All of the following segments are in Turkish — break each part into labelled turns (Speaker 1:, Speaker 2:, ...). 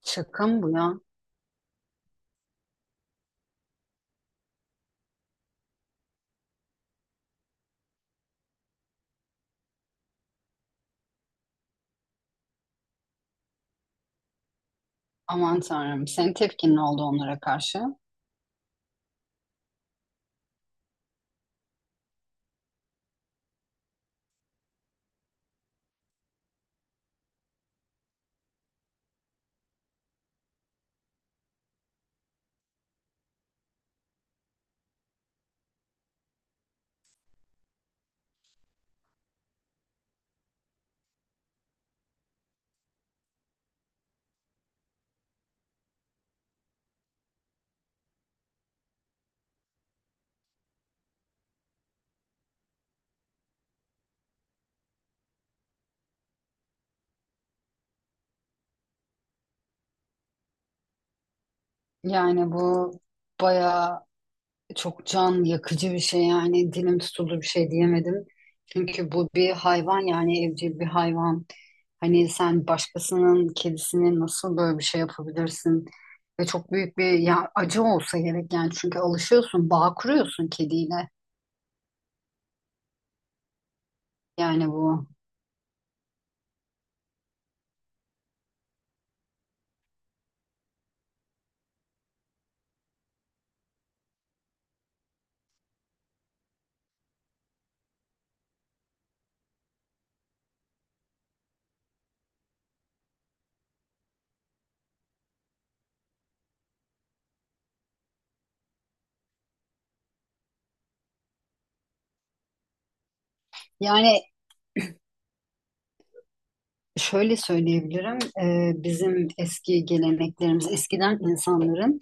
Speaker 1: Şaka mı bu ya? Aman tanrım. Senin tepkin ne oldu onlara karşı? Yani bu bayağı çok can yakıcı bir şey yani dilim tutuldu bir şey diyemedim. Çünkü bu bir hayvan yani evcil bir hayvan. Hani sen başkasının kedisini nasıl böyle bir şey yapabilirsin? Ve çok büyük bir ya acı olsa gerek yani çünkü alışıyorsun, bağ kuruyorsun kediyle. Yani bu. Yani şöyle söyleyebilirim. Bizim eski geleneklerimiz, eskiden insanların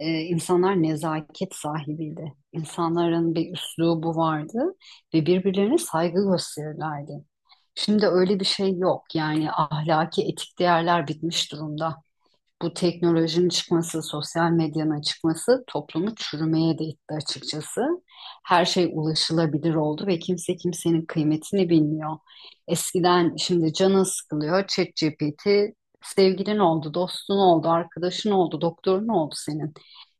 Speaker 1: İnsanlar nezaket sahibiydi. İnsanların bir üslubu vardı ve birbirlerine saygı gösterirlerdi. Şimdi öyle bir şey yok. Yani ahlaki etik değerler bitmiş durumda, bu teknolojinin çıkması, sosyal medyanın çıkması toplumu çürümeye de itti açıkçası. Her şey ulaşılabilir oldu ve kimse kimsenin kıymetini bilmiyor. Eskiden şimdi canın sıkılıyor, ChatGPT sevgilin oldu, dostun oldu, arkadaşın oldu, doktorun oldu senin.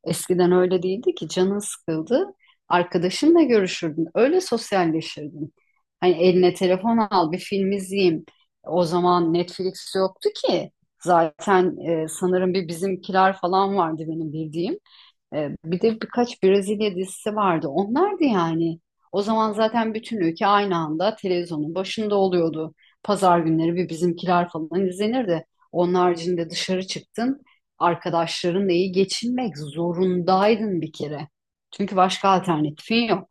Speaker 1: Eskiden öyle değildi ki, canın sıkıldı, arkadaşınla görüşürdün, öyle sosyalleşirdin. Hani eline telefon al, bir film izleyeyim. O zaman Netflix yoktu ki. Zaten sanırım bir Bizimkiler falan vardı benim bildiğim. Bir de birkaç Brezilya dizisi vardı. Onlardı yani. O zaman zaten bütün ülke aynı anda televizyonun başında oluyordu. Pazar günleri bir Bizimkiler falan izlenirdi. Onun haricinde dışarı çıktın, arkadaşlarınla iyi geçinmek zorundaydın bir kere. Çünkü başka alternatifin yok.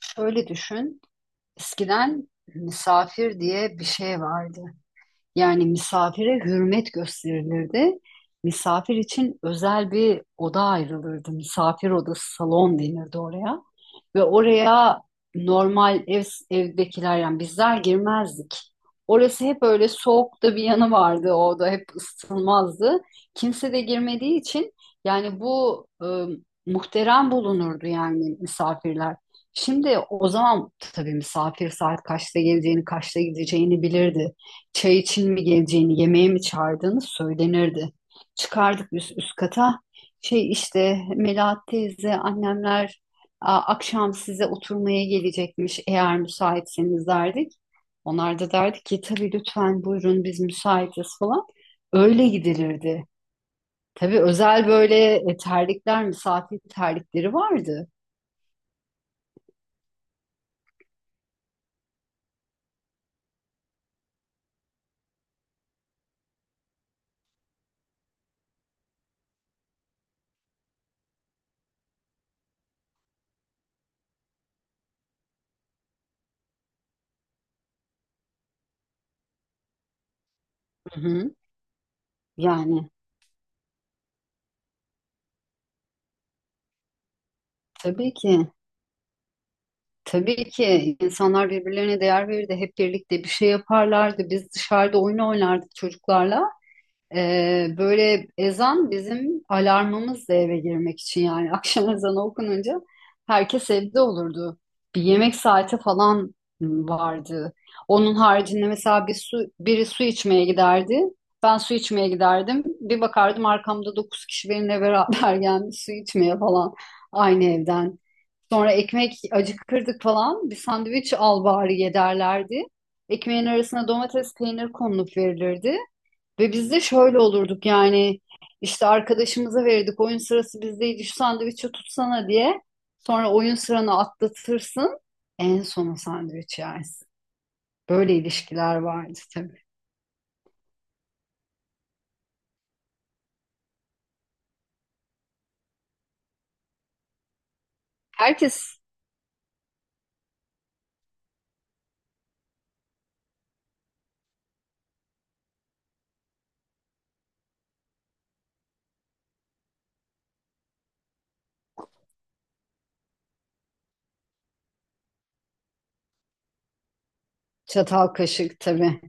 Speaker 1: Şöyle düşün, eskiden misafir diye bir şey vardı. Yani misafire hürmet gösterilirdi. Misafir için özel bir oda ayrılırdı. Misafir odası, salon denirdi oraya. Ve oraya normal ev, evdekiler yani bizler girmezdik. Orası hep öyle soğuk da bir yanı vardı. O oda hep ısıtılmazdı. Kimse de girmediği için yani bu muhterem bulunurdu yani misafirler. Şimdi o zaman tabii misafir saat kaçta geleceğini, kaçta gideceğini bilirdi, çay için mi geleceğini, yemeğe mi çağırdığını söylenirdi. Çıkardık biz üst kata. Şey işte Melahat teyze, annemler, "Aa, akşam size oturmaya gelecekmiş eğer müsaitseniz," derdik. Onlar da derdi ki, "Tabii lütfen buyurun biz müsaitiz," falan. Öyle gidilirdi. Tabii özel böyle terlikler, misafir terlikleri vardı. Hı hı. Yani tabii ki. Tabii ki insanlar birbirlerine değer verirdi. Hep birlikte bir şey yaparlardı. Biz dışarıda oyun oynardık çocuklarla. Böyle ezan bizim alarmımızdı eve girmek için yani. Akşam ezanı okununca herkes evde olurdu. Bir yemek saati falan vardı. Onun haricinde mesela bir su, biri su içmeye giderdi. Ben su içmeye giderdim. Bir bakardım arkamda dokuz kişi benimle beraber gelmiş su içmeye falan, aynı evden. Sonra ekmek acıkırdık falan. Bir sandviç al bari ye derlerdi. Ekmeğin arasına domates, peynir konulup verilirdi. Ve biz de şöyle olurduk yani, işte arkadaşımıza verirdik oyun sırası bizdeydi şu sandviçi tutsana diye. Sonra oyun sıranı atlatırsın, en sona o sandviç yersin. Böyle ilişkiler vardı tabii. Herkes çatal kaşık tabii.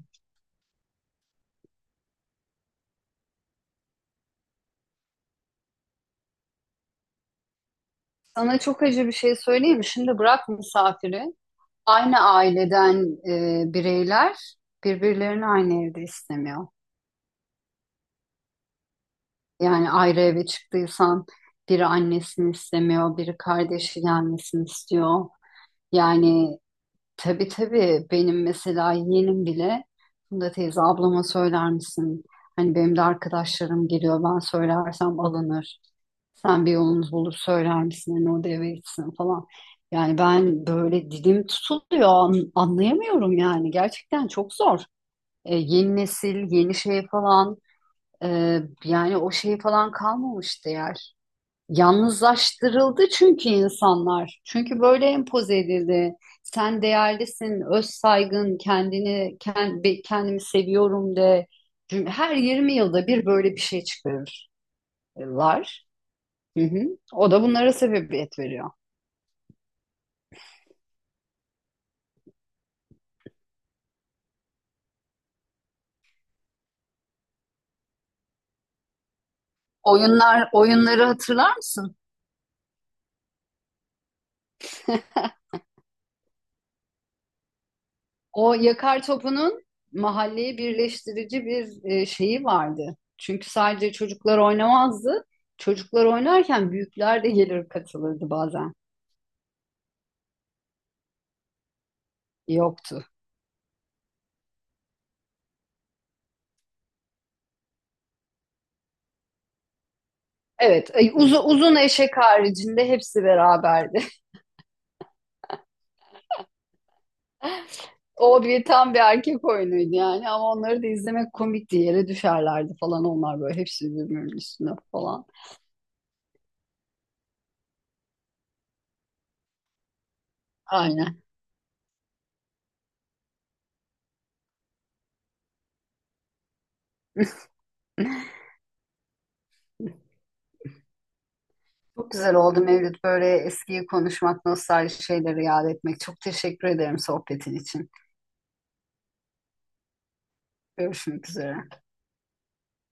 Speaker 1: Sana çok acı bir şey söyleyeyim mi? Şimdi bırak misafiri. Aynı aileden bireyler birbirlerini aynı evde istemiyor. Yani ayrı eve çıktıysan biri annesini istemiyor, biri kardeşi gelmesini istiyor. Yani tabii tabii benim mesela yeğenim bile, "Funda teyze ablama söyler misin? Hani benim de arkadaşlarım geliyor ben söylersem alınır. Sen bir yolunuz bulur söyler misin? Hani o da eve gitsin," falan. Yani ben böyle dilim tutuluyor anlayamıyorum yani gerçekten çok zor. Yeni nesil, yeni şey falan, e, yani o şey falan kalmamıştı yer. Yalnızlaştırıldı çünkü insanlar. Çünkü böyle empoze edildi. Sen değerlisin, öz saygın, kendimi seviyorum de. Her 20 yılda bir böyle bir şey çıkarırlar. Hı hı. O da bunlara sebebiyet veriyor. Oyunlar, oyunları hatırlar mısın? O yakar topunun mahalleyi birleştirici bir şeyi vardı. Çünkü sadece çocuklar oynamazdı. Çocuklar oynarken büyükler de gelir katılırdı bazen. Yoktu. Evet, uzun, uzun eşek haricinde hepsi beraberdi. O bir tam bir erkek oyunuydu yani ama onları da izlemek komikti. Yere düşerlerdi falan onlar böyle hepsi birbirinin üstüne falan. Aynen. Çok güzel oldu Mevlüt, böyle eskiyi konuşmak, nostalji şeyleri yad etmek. Çok teşekkür ederim sohbetin için. Görüşmek üzere.